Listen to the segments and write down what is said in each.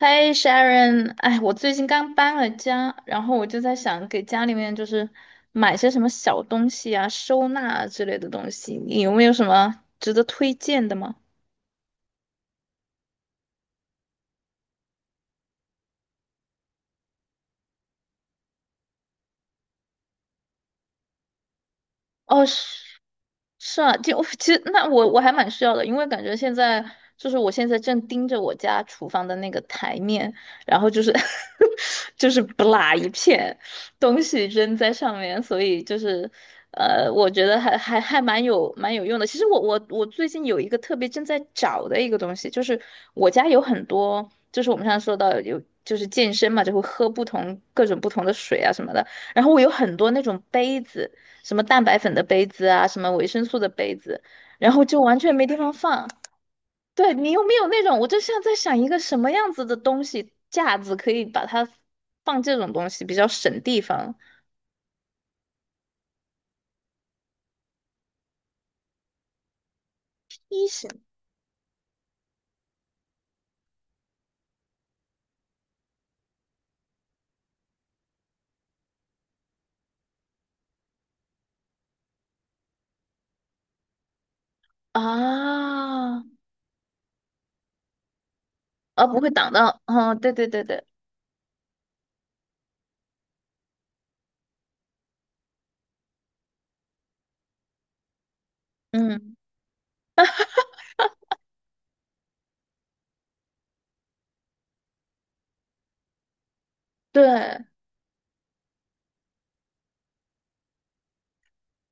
嗨，Sharon，哎，我最近刚搬了家，然后我就在想给家里面就是买些什么小东西啊、收纳啊之类的东西，你有没有什么值得推荐的吗？哦，是。是啊，就 其实那我还蛮需要的，因为感觉现在就是我现在正盯着我家厨房的那个台面，然后就是 就是不拉一片东西扔在上面，所以就是我觉得还蛮有用的。其实我最近有一个特别正在找的一个东西，就是我家有很多，就是我们上次说到有就是健身嘛，就会喝不同各种不同的水啊什么的，然后我有很多那种杯子。什么蛋白粉的杯子啊，什么维生素的杯子，然后就完全没地方放。对，你有没有那种？我就像在想一个什么样子的东西架子可以把它放这种东西，比较省地方一型，啊，而不会挡到。哦，对对对对，嗯，对，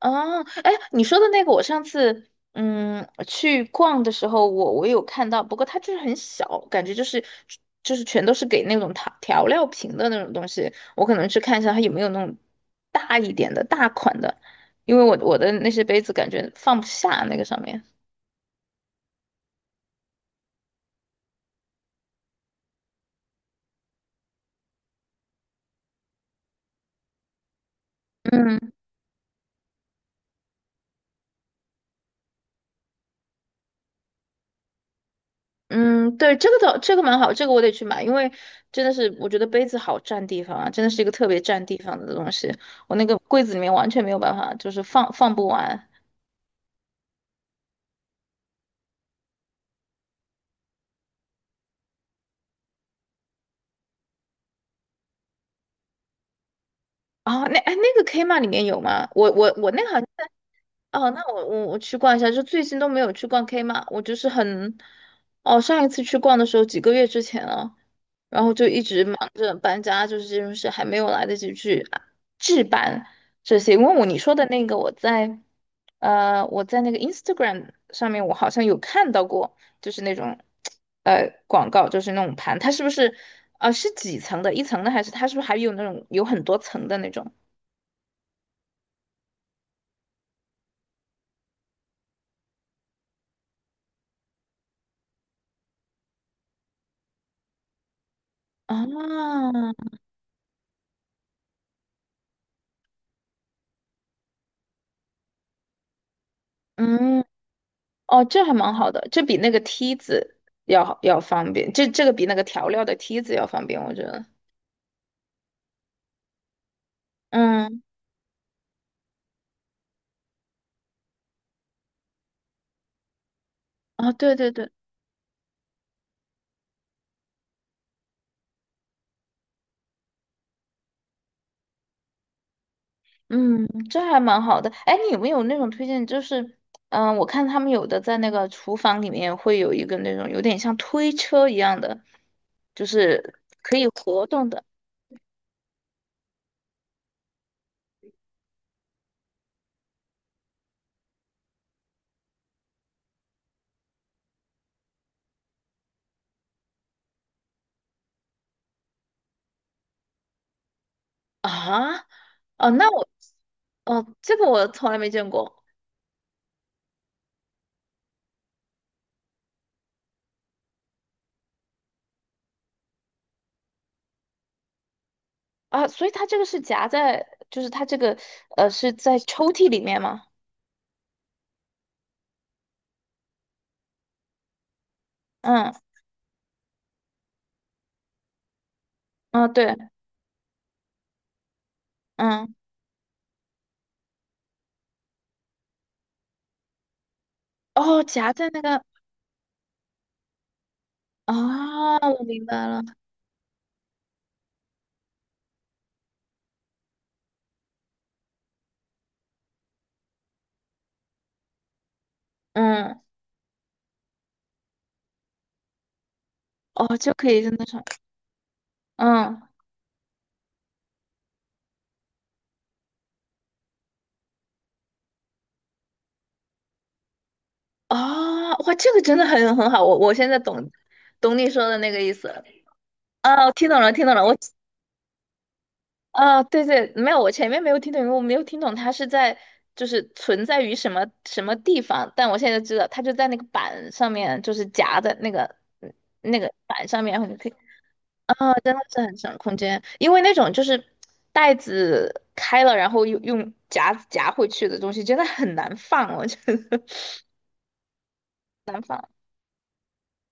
哦，哎，你说的那个，我上次去逛的时候，我有看到，不过它就是很小，感觉就是全都是给那种调料瓶的那种东西。我可能去看一下它有没有那种大一点的大款的，因为我的那些杯子感觉放不下那个上面。嗯嗯，对，这个倒这个蛮好，这个我得去买，因为真的是我觉得杯子好占地方啊，真的是一个特别占地方的东西。我那个柜子里面完全没有办法，就是放不完。哦，那哎，那个 k m a 里面有吗？我那个好像在哦，那我去逛一下，就最近都没有去逛 k m a 我就是很，哦，上一次去逛的时候几个月之前了，然后就一直忙着搬家，就是这种事还没有来得及去啊置办这些。因为我你说的那个，我在那个 Instagram 上面，我好像有看到过，就是那种广告，就是那种盘，它是不是是几层的，一层的还是它是不是还有那种有很多层的那种？啊，嗯，哦，这还蛮好的，这比那个梯子要好要方便，这个比那个调料的梯子要方便，我觉得。嗯，啊，对对对，嗯，这还蛮好的。哎，你有没有那种推荐？就是，我看他们有的在那个厨房里面会有一个那种有点像推车一样的，就是可以活动的啊。哦，那我，哦，这个我从来没见过啊，所以它这个是夹在，就是它这个，是在抽屉里面吗？嗯嗯，对，嗯，哦，夹在那个，啊，我明白了，嗯，哦，就可以在那上，嗯，哦，哇，这个真的很好，我现在懂，懂你说的那个意思了，啊，我听懂了，听懂了，我，啊，对对，没有，我前面没有听懂，因为我没有听懂它是在，就是存在于什么什么地方，但我现在知道，它就在那个板上面，就是夹在嗯那个板上面，然后就可以。啊，真的是很省空间，因为那种就是袋子开了，然后用夹子夹回去的东西，真的很难放，我觉得 难放。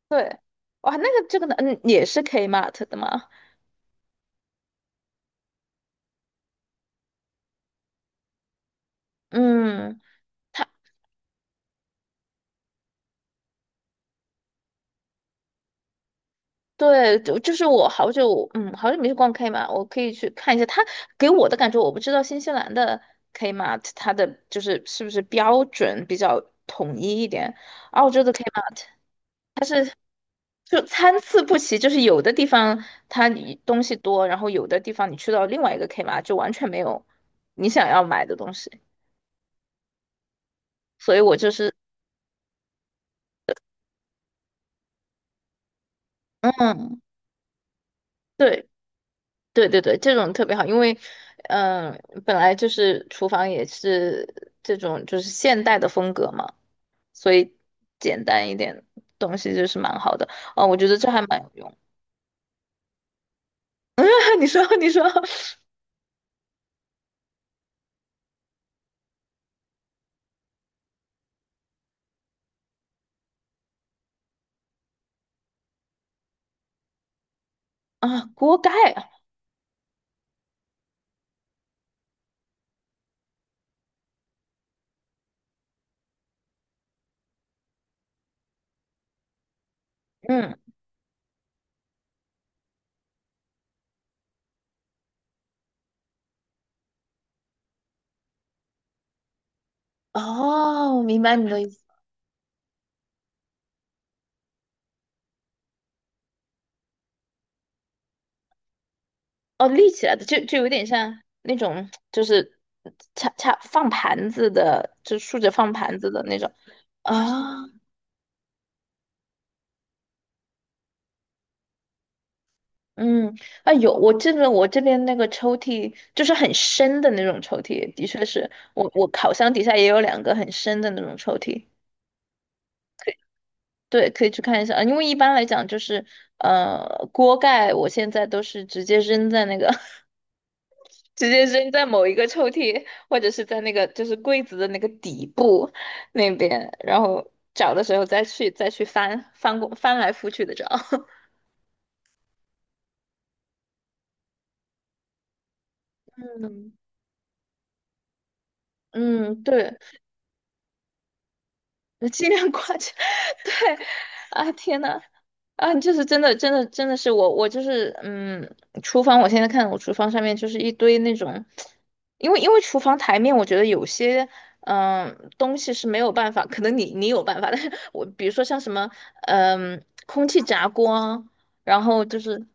对，哇，那个这个呢，也是 Kmart 的吗？嗯，他对，就是我好久，嗯，好久没去逛 Kmart,我可以去看一下。他给我的感觉，我不知道新西兰的 Kmart 它的就是是不是标准比较统一一点，澳洲的 Kmart。就参差不齐，就是有的地方它你东西多，然后有的地方你去到另外一个 k m 就完全没有你想要买的东西，所以我就是，嗯，对对对对，这种特别好，因为，本来就是厨房也是这种就是现代的风格嘛，所以简单一点东西就是蛮好的，哦，我觉得这还蛮有用。你说啊，锅盖啊，嗯，哦，明白你的意思。哦，立起来的，就有点像那种，就是恰恰放盘子的，就竖着放盘子的那种啊。嗯，啊有，我这边那个抽屉就是很深的那种抽屉，的确是我烤箱底下也有两个很深的那种抽屉，对，可以去看一下。啊因为一般来讲就是锅盖，我现在都是直接扔在那个 直接扔在某一个抽屉，或者是在那个就是柜子的那个底部那边，然后找的时候再去翻来覆去的找。嗯，嗯，对，尽量 挂起。对，啊，天呐，啊，就是真的，真的，真的是我，我就是，嗯，厨房，我现在看我厨房上面就是一堆那种，因为厨房台面，我觉得有些，东西是没有办法，可能你有办法，但是我比如说像什么，空气炸锅啊，然后就是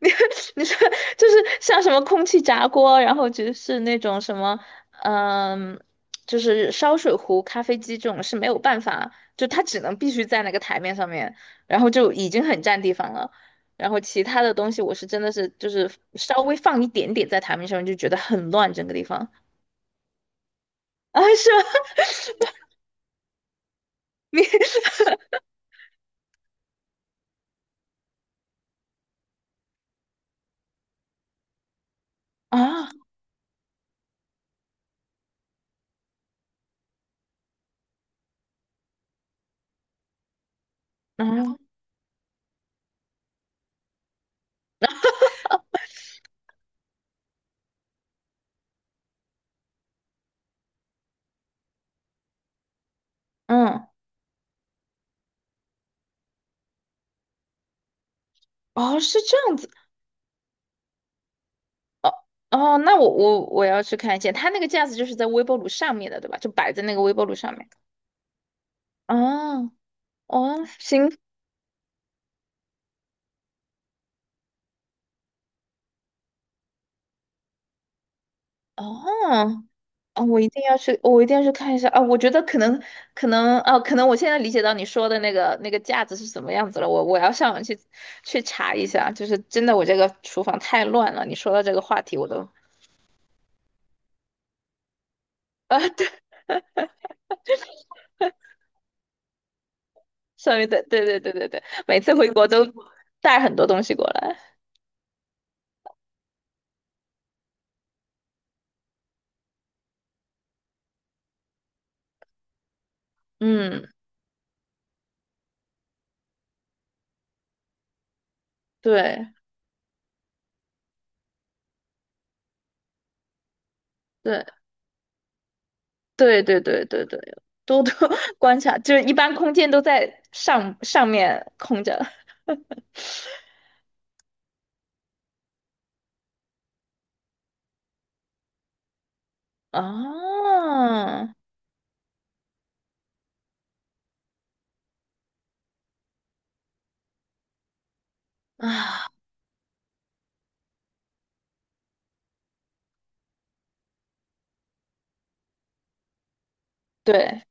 你 你说就是像什么空气炸锅，然后就是那种什么，嗯，就是烧水壶、咖啡机这种是没有办法，就它只能必须在那个台面上面，然后就已经很占地方了。然后其他的东西，我是真的是就是稍微放一点点在台面上面，就觉得很乱整个地方啊，是吗？你啊，嗯嗯，哦，是这样子。哦，那我要去看一下，它那个架子就是在微波炉上面的，对吧？就摆在那个微波炉上面。哦哦，行哦哦，我一定要去，我一定要去看一下啊！我觉得可能我现在理解到你说的那个架子是什么样子了。我要上网去查一下，就是真的，我这个厨房太乱了。你说到这个话题，我都啊，对，上面对对对对对对，每次回国都带很多东西过来。嗯，对对对对对对对，多多 观察，就是一般空间都在上面空着。啊啊，对，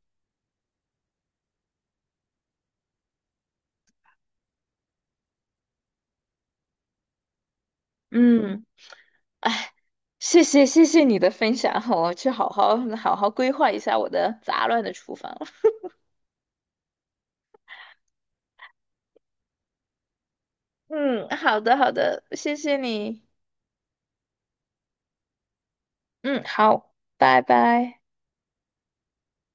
嗯，哎，谢谢你的分享，我去好好规划一下我的杂乱的厨房。嗯，好的好的，谢谢你。嗯，好，拜拜。